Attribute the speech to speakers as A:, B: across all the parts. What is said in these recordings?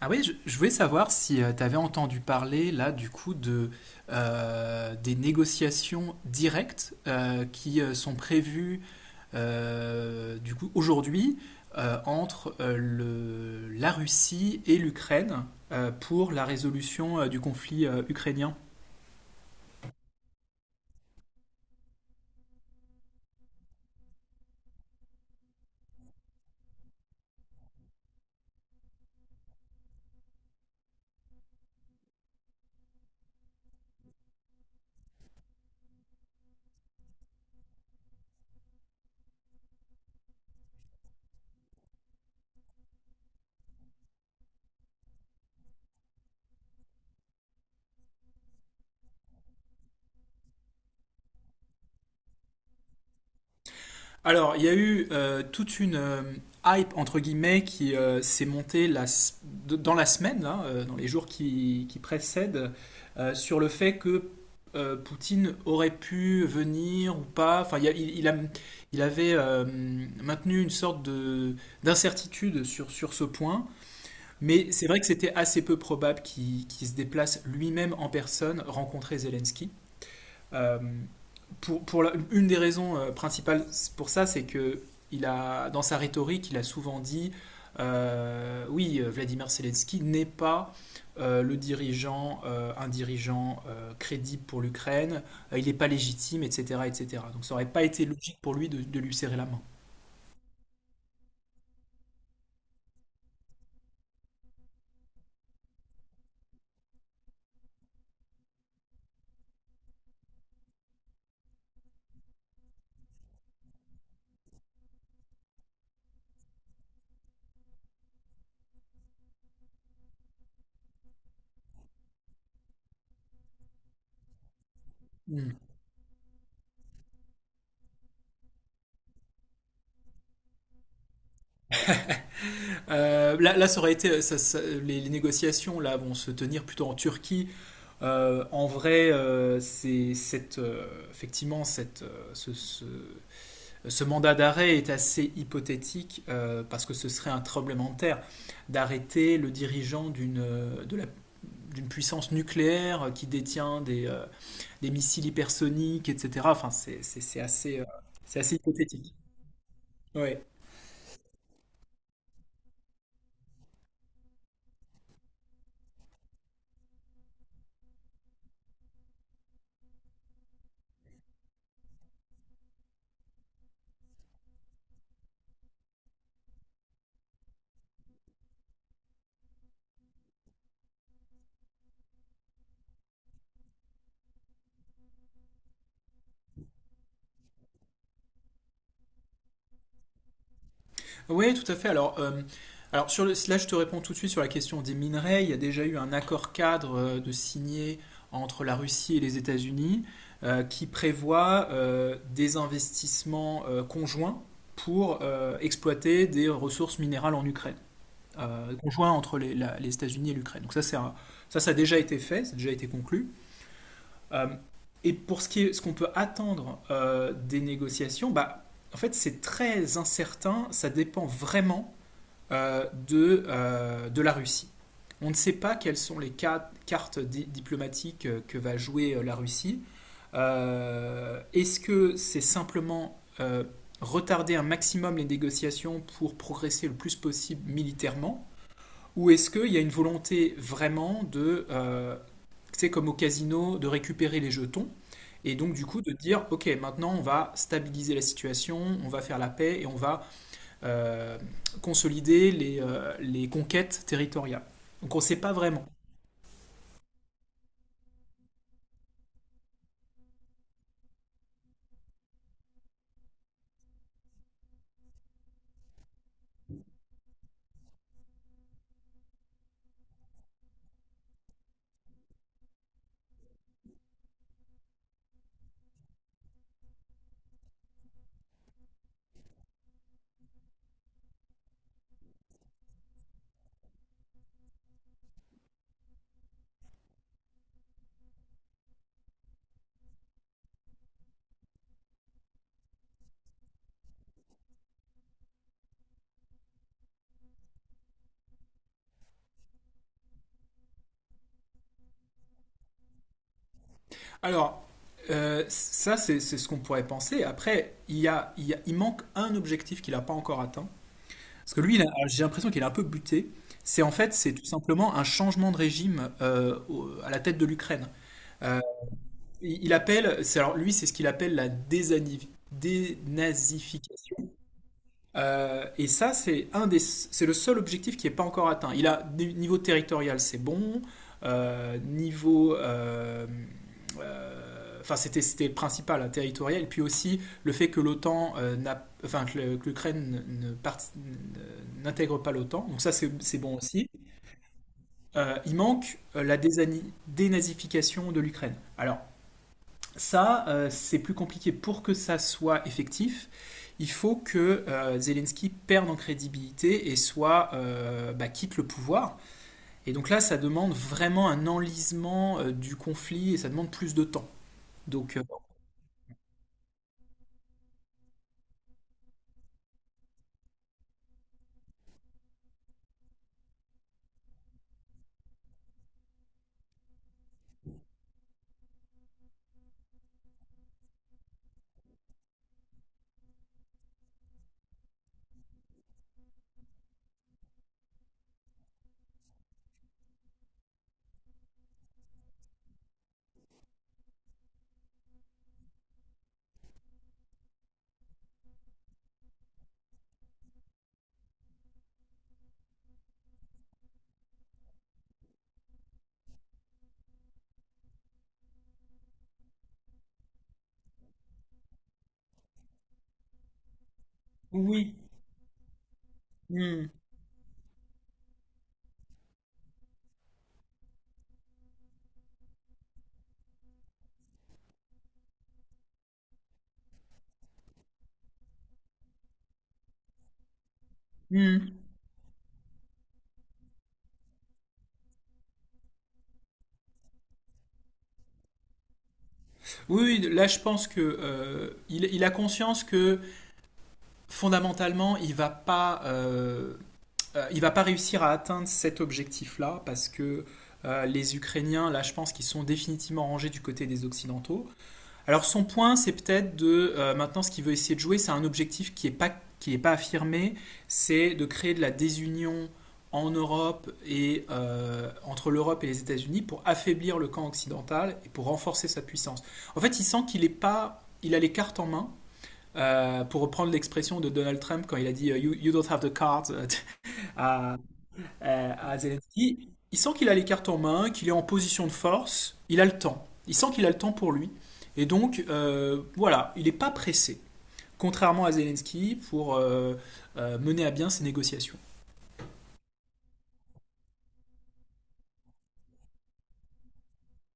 A: Ah oui, je voulais savoir si tu avais entendu parler là du coup de des négociations directes qui sont prévues du coup aujourd'hui entre la Russie et l'Ukraine pour la résolution du conflit ukrainien. Alors, il y a eu toute une hype, entre guillemets, qui s'est montée dans la semaine, là, dans les jours qui précèdent, sur le fait que Poutine aurait pu venir ou pas. Enfin, il, y a- il a- il avait maintenu une sorte de, d'incertitude sur ce point. Mais c'est vrai que c'était assez peu probable qu'il se déplace lui-même en personne rencontrer Zelensky. Euh, pour une des raisons principales pour ça, c'est que il a, dans sa rhétorique, il a souvent dit oui, Vladimir Zelensky n'est pas un dirigeant crédible pour l'Ukraine, il n'est pas légitime, etc., etc. Donc ça n'aurait pas été logique pour lui de lui serrer la main. Mm. Ça aurait été, les négociations là vont se tenir plutôt en Turquie. En vrai, effectivement, ce mandat d'arrêt est assez hypothétique parce que ce serait un tremblement de terre d'arrêter le dirigeant d'une puissance nucléaire qui détient des missiles hypersoniques, etc. Enfin, c'est assez hypothétique. Ouais. Oui, tout à fait. Alors sur je te réponds tout de suite sur la question des minerais. Il y a déjà eu un accord cadre de signé entre la Russie et les États-Unis qui prévoit des investissements conjoints pour exploiter des ressources minérales en Ukraine, conjoints entre les États-Unis et l'Ukraine. Donc ça, ça, ça a déjà été fait, ça a déjà été conclu. Euh, et pour ce qui est, ce qu'on peut attendre des négociations, bah, en fait, c'est très incertain. Ça dépend vraiment de la Russie. On ne sait pas quelles sont les cartes diplomatiques que va jouer la Russie. Est-ce que c'est simplement retarder un maximum les négociations pour progresser le plus possible militairement, ou est-ce qu'il y a une volonté vraiment c'est comme au casino, de récupérer les jetons et donc du coup de dire, ok, maintenant on va stabiliser la situation, on va faire la paix et on va euh, consolider les conquêtes territoriales. Donc on ne sait pas vraiment. Alors, ça, c'est ce qu'on pourrait penser. Après, il manque un objectif qu'il n'a pas encore atteint. Parce que lui, j'ai l'impression qu'il est un peu buté. C'est tout simplement un changement de régime à la tête de l'Ukraine. Euh, il appelle, c'est alors lui, c'est ce qu'il appelle la dénazification. Et ça, c'est c'est le seul objectif qui n'est pas encore atteint. Il a niveau territorial, c'est bon. Euh, niveau, euh, enfin c'était le principal, hein, territorial. Et puis aussi le fait que l'OTAN n'a, enfin que l'Ukraine ne part- n'intègre pas l'OTAN. Donc ça c'est bon aussi. Il manque dénazification de l'Ukraine. Ça, c'est plus compliqué. Pour que ça soit effectif, il faut que Zelensky perde en crédibilité et soit bah, quitte le pouvoir. Et donc là, ça demande vraiment un enlisement du conflit et ça demande plus de temps. Donc euh, oui. Hmm, hmm. Oui, oui, là je pense que il a conscience que fondamentalement il va pas il ne va pas réussir à atteindre cet objectif-là parce que les Ukrainiens, là, je pense qu'ils sont définitivement rangés du côté des Occidentaux. Alors son point, c'est peut-être de maintenant ce qu'il veut essayer de jouer, c'est un objectif qui est pas affirmé, c'est de créer de la désunion en Europe et entre l'Europe et les États-Unis pour affaiblir le camp occidental et pour renforcer sa puissance. En fait, il sent qu'il est pas, il a les cartes en main. Pour reprendre l'expression de Donald Trump quand il a dit you don't have the cards, à, à Zelensky. Il sent qu'il a les cartes en main, qu'il est en position de force, il a le temps. Il sent qu'il a le temps pour lui. Et donc, voilà, il n'est pas pressé, contrairement à Zelensky, pour mener à bien ses négociations.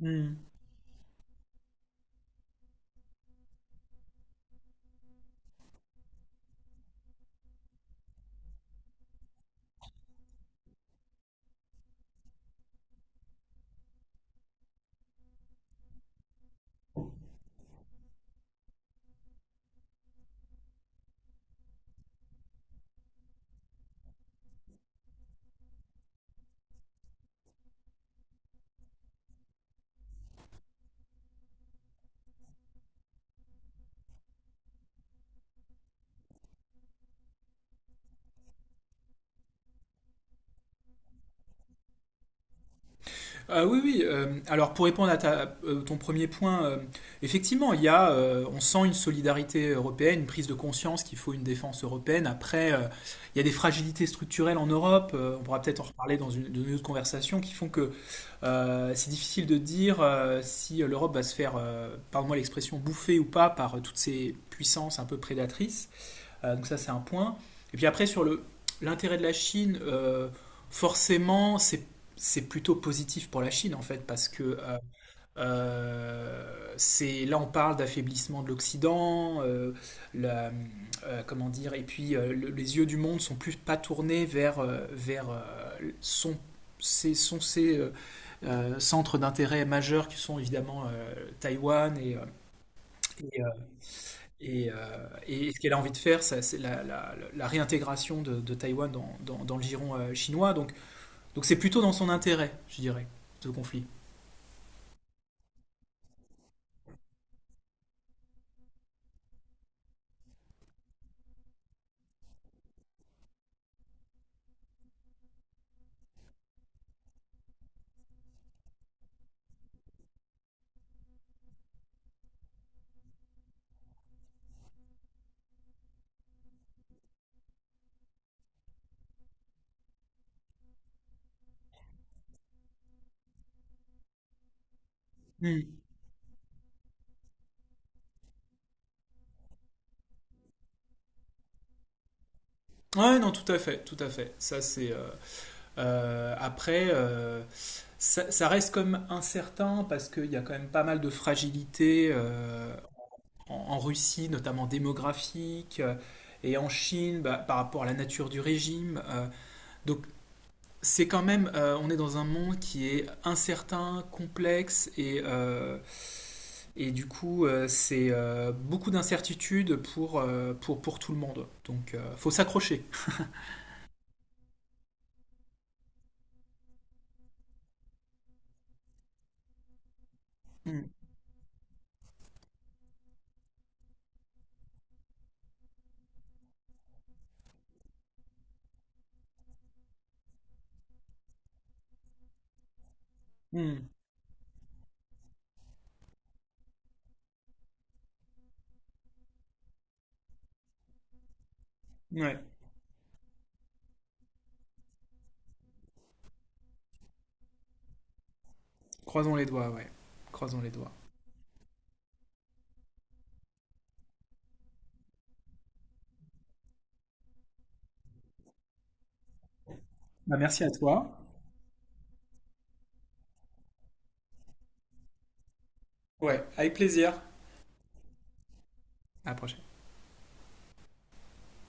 A: Hmm. Oui, oui. Alors pour répondre à ton premier point, effectivement, on sent une solidarité européenne, une prise de conscience qu'il faut une défense européenne. Après, il y a des fragilités structurelles en Europe. On pourra peut-être en reparler dans une autre conversation qui font que c'est difficile de dire si l'Europe va se faire, pardon-moi l'expression, bouffer ou pas par toutes ces puissances un peu prédatrices. Donc ça c'est un point. Et puis après sur le l'intérêt de la Chine, forcément c'est plutôt positif pour la Chine en fait parce que c'est là on parle d'affaiblissement de l'Occident, la- comment dire et puis les yeux du monde sont plus pas tournés vers vers son ces sont ces centres d'intérêt majeurs qui sont évidemment Taïwan et, euh, et ce qu'elle a envie de faire, ça, c'est la réintégration de Taïwan dans le giron chinois. Donc c'est plutôt dans son intérêt, je dirais, ce conflit. Hmm. Ouais, non, tout à fait, tout à fait. Ça, c'est après, ça, ça reste comme incertain parce qu'il y a quand même pas mal de fragilité en, en Russie, notamment démographique, et en Chine, bah, par rapport à la nature du régime. Donc c'est quand même, on est dans un monde qui est incertain, complexe, et du coup, c'est beaucoup d'incertitudes pour, pour tout le monde. Donc, faut s'accrocher. Hmm, hmm, ouais, croisons les doigts, ouais. Croisons les doigts. Bah, merci à toi. Ouais, avec plaisir. À la prochaine.